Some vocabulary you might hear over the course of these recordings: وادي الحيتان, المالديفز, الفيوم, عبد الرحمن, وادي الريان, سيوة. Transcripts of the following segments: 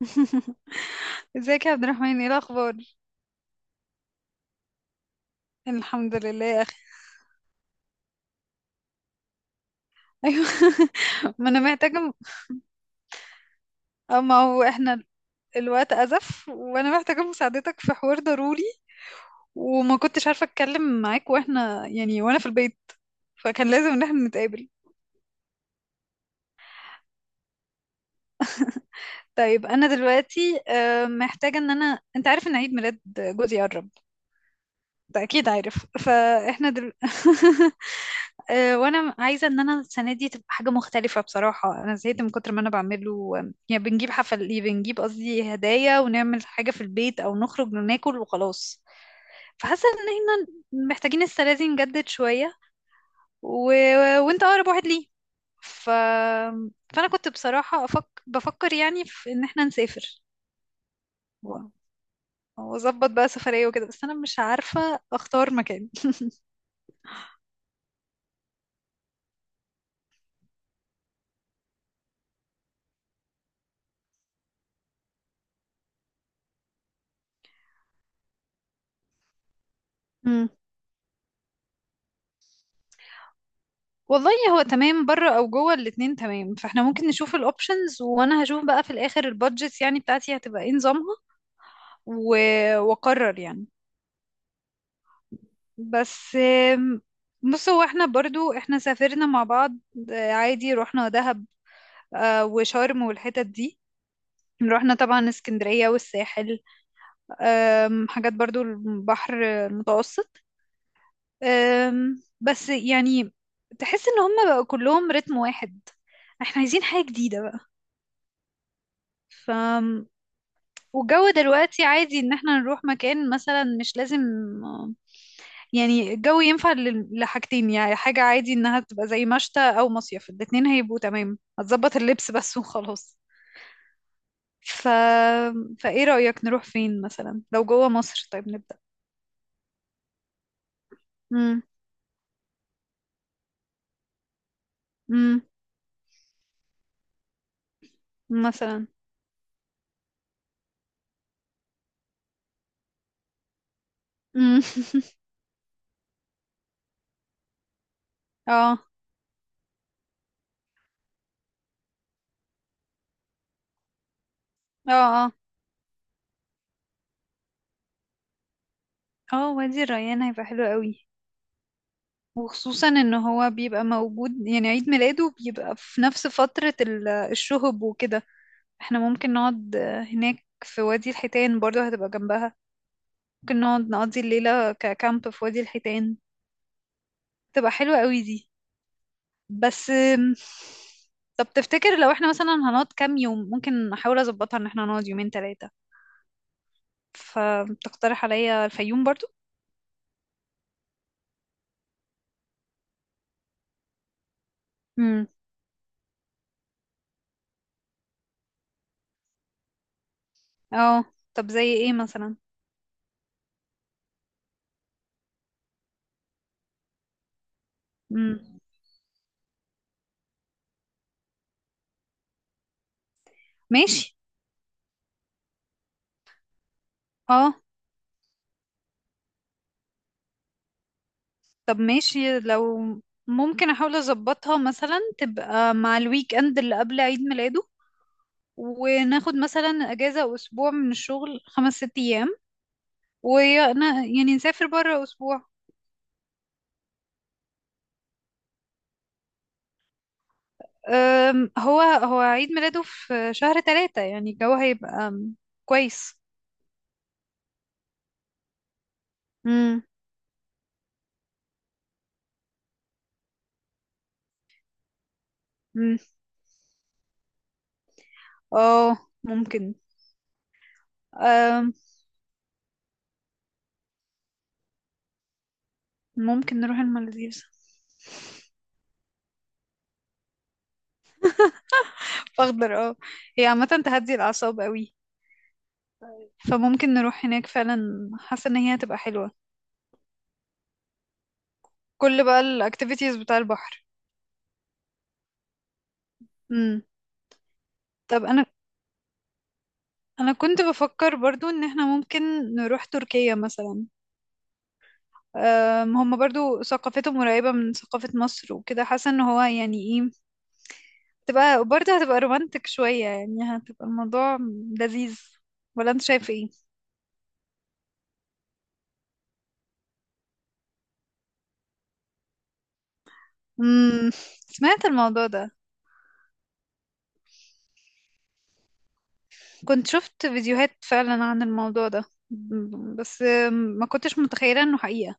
ازيك يا عبد الرحمن؟ ايه الاخبار؟ الحمد لله يا اخي. ايوه. ما انا محتاجه. اه، ما هو احنا الوقت ازف وانا محتاجه مساعدتك في حوار ضروري، وما كنتش عارفه اتكلم معاك واحنا يعني وانا في البيت، فكان لازم ان احنا نتقابل. طيب انا دلوقتي، محتاجه ان انا، انت عارف ان عيد ميلاد جوزي قرب. ده اكيد عارف، فاحنا وانا عايزه ان انا السنه دي تبقى حاجه مختلفه. بصراحه انا زهقت من كتر ما انا بعمله. يعني بنجيب حفل، بنجيب، قصدي هدايا، ونعمل حاجه في البيت او نخرج وناكل وخلاص. فحاسه ان احنا محتاجين السنه دي نجدد شويه. و... وانت اقرب واحد ليه. ف... فانا كنت بصراحه بفكر يعني في ان احنا نسافر. و- واظبط بقى سفريه وكده، بس انا مش عارفه اختار مكان. والله هو تمام، بره او جوه الاتنين تمام، فاحنا ممكن نشوف الاوبشنز وانا هشوف بقى في الاخر البادجت يعني بتاعتي هتبقى ايه نظامها. و... واقرر يعني. بس. آم، بص، هو احنا برضو احنا سافرنا مع بعض. عادي رحنا دهب. وشرم والحتت دي. رحنا طبعا اسكندرية والساحل. حاجات برضو البحر المتوسط. بس يعني تحس ان هم بقى كلهم رتم واحد. احنا عايزين حاجة جديدة بقى. والجو دلوقتي عادي ان احنا نروح مكان مثلا، مش لازم. يعني الجو ينفع لحاجتين، يعني حاجة عادي انها تبقى زي مشتى او مصيف، الاتنين هيبقوا تمام، هتظبط اللبس بس وخلاص. ف... فايه رأيك نروح فين مثلا؟ لو جوه مصر طيب نبدأ. امم. امم. مثلا. امم. اه، اه، اه، اه وادي الريان هيبقى حلو قوي. وخصوصا ان هو بيبقى موجود، يعني عيد ميلاده بيبقى في نفس فترة الشهب وكده. احنا ممكن نقعد هناك، في وادي الحيتان برضو هتبقى جنبها. ممكن نقعد نقضي الليلة ككامب في وادي الحيتان، تبقى حلوة قوي دي. بس طب تفتكر لو احنا مثلا هنقعد كام يوم، ممكن احاول اظبطها ان احنا نقعد يومين 3؟ فتقترح عليا الفيوم برضو؟ امم. اه. طب زي ايه مثلا؟ امم. ماشي. اه. طب ماشي، لو ممكن احاول اظبطها مثلا تبقى مع الويك اند اللي قبل عيد ميلاده، وناخد مثلا اجازة اسبوع من الشغل 5 6 ايام، ويعني نسافر بره اسبوع. هو عيد ميلاده في شهر 3، يعني الجو هيبقى كويس. امم. امم. اه. ممكن. أم، ممكن نروح المالديفز. اخضر. اه. هي عامة تهدي الاعصاب قوي. فممكن نروح هناك فعلا، حاسة ان هي هتبقى حلوة. كل بقى الاكتيفيتيز بتاع البحر. امم. طب انا كنت بفكر برضو ان احنا ممكن نروح تركيا مثلا. هم برضو ثقافتهم قريبة من ثقافة مصر وكده، حاسة ان هو يعني ايه. تبقى برضه هتبقى رومانتك شوية، يعني هتبقى الموضوع لذيذ. ولا انت شايف ايه؟ امم. سمعت الموضوع ده. كنت شفت فيديوهات فعلا عن الموضوع ده، بس ما كنتش متخيلة انه حقيقة.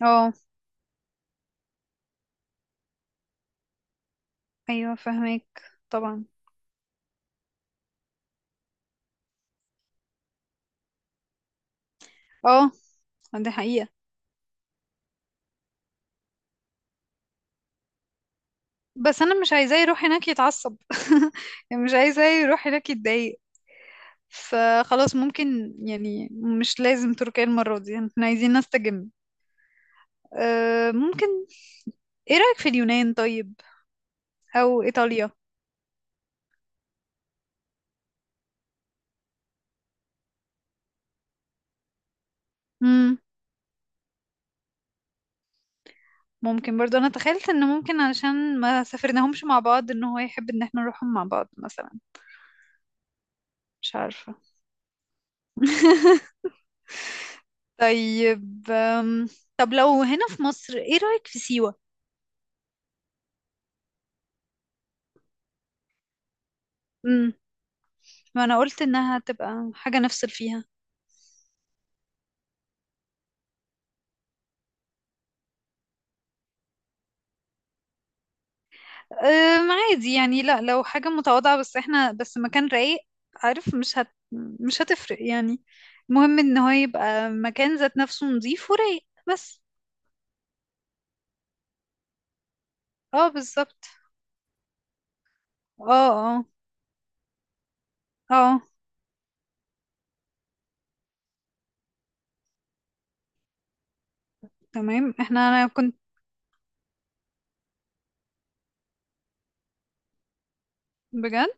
اه، ايوه، فهمك. طبعا. اه. دي حقيقة. بس انا مش عايزاه يروح هناك يتعصب. يعني مش عايزاه يروح هناك يتضايق. فخلاص ممكن يعني، مش لازم تركيا المرة دي، احنا عايزين نستجم. أه ممكن. ايه رأيك في اليونان طيب؟ او ايطاليا؟ امم. ممكن برضو. انا تخيلت ان ممكن علشان ما سافرناهمش مع بعض، ان هو يحب ان احنا نروحهم مع بعض مثلا. مش عارفة. طيب طب لو هنا في مصر، ايه رأيك في سيوة؟ امم. ما انا قلت انها تبقى حاجة نفصل فيها. عادي يعني، لا لو حاجة متواضعة بس، احنا بس مكان رايق. عارف مش هتفرق يعني. المهم ان هو يبقى مكان ذات نفسه نظيف ورايق بس. اه، بالظبط. اه. اه. اه. تمام. احنا، انا كنت. بجد؟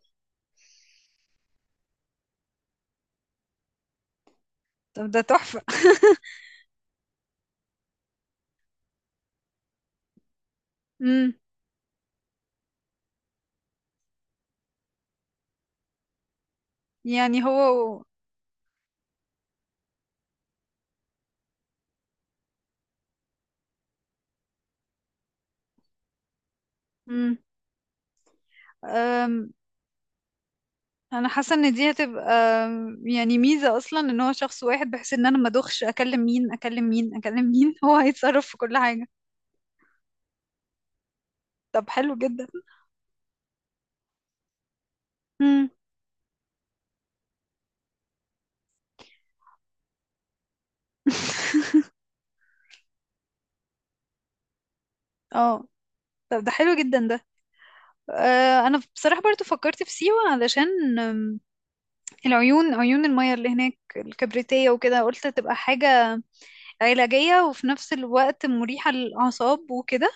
طب ده تحفة. امم. يعني هو. امم. أم، انا حاسة ان دي هتبقى يعني ميزة اصلا، ان هو شخص واحد، بحيث ان انا ما ادوخش اكلم مين اكلم مين اكلم مين. هو هيتصرف في كل حاجة. طب حلو جدا. امم. اه. طب ده حلو جدا ده. انا بصراحة برضو فكرت في سيوة علشان العيون، عيون المياه اللي هناك الكبريتية وكده، قلت تبقى حاجة علاجية وفي نفس الوقت مريحة للأعصاب وكده.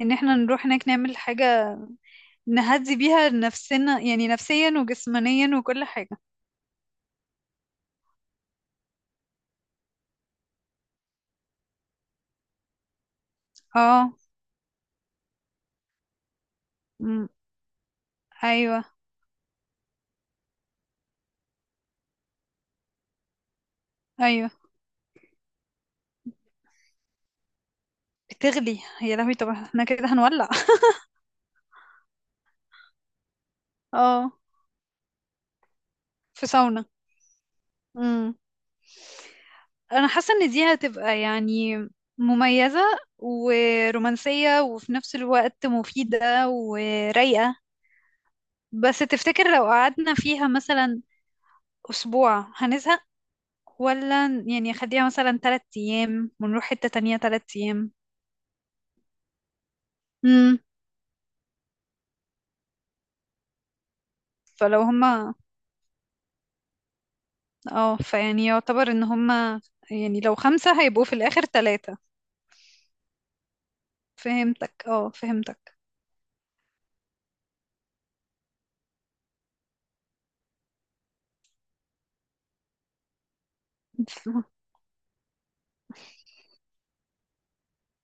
ان احنا نروح هناك نعمل حاجة نهدي بيها نفسنا، يعني نفسيا وجسمانيا وكل حاجة. اه. أمم، ايوه. ايوه. بتغلي؟ يا لهوي طب احنا كده هنولع. اه، في ساونا. امم. انا حاسه ان دي هتبقى يعني مميزه، ورومانسيه وفي نفس الوقت مفيده ورايقه. بس تفتكر لو قعدنا فيها مثلا اسبوع هنزهق؟ ولا يعني خليها مثلا 3 ايام ونروح حته تانية 3 ايام؟ امم. فلو هما. اه فيعني يعتبر ان هما. يعني لو 5 هيبقوا في الاخر 3. فهمتك. اه، فهمتك.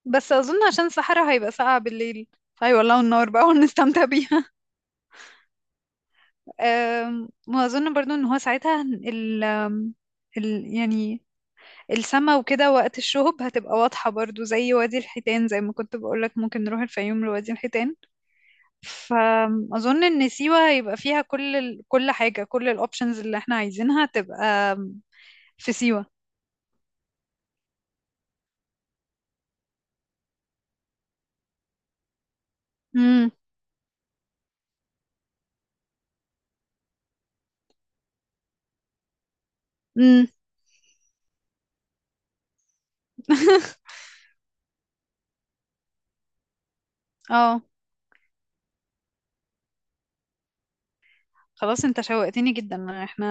بس اظن عشان الصحراء هيبقى ساقعة بالليل. ايوه والله، النار بقى ونستمتع بيها. وأظن برضو إن هو ساعتها ال آم، ال يعني السما وكده وقت الشهب هتبقى واضحة برضو، زي وادي الحيتان، زي ما كنت بقولك ممكن نروح الفيوم لوادي الحيتان. فأظن إن سيوة يبقى فيها كل كل حاجة، كل الأوبشنز اللي احنا عايزينها تبقى في سيوة. امم. امم. اه. خلاص، انت شوقتني جدا، احنا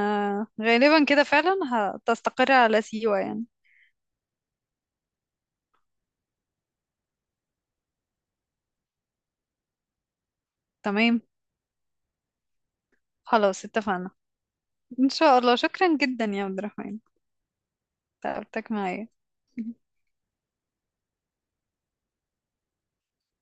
غالبا كده فعلا هتستقر على سيوة يعني. تمام. خلاص اتفقنا. ان شاء الله. شكرا جدا يا عبد الرحمن، تعبتك معايا.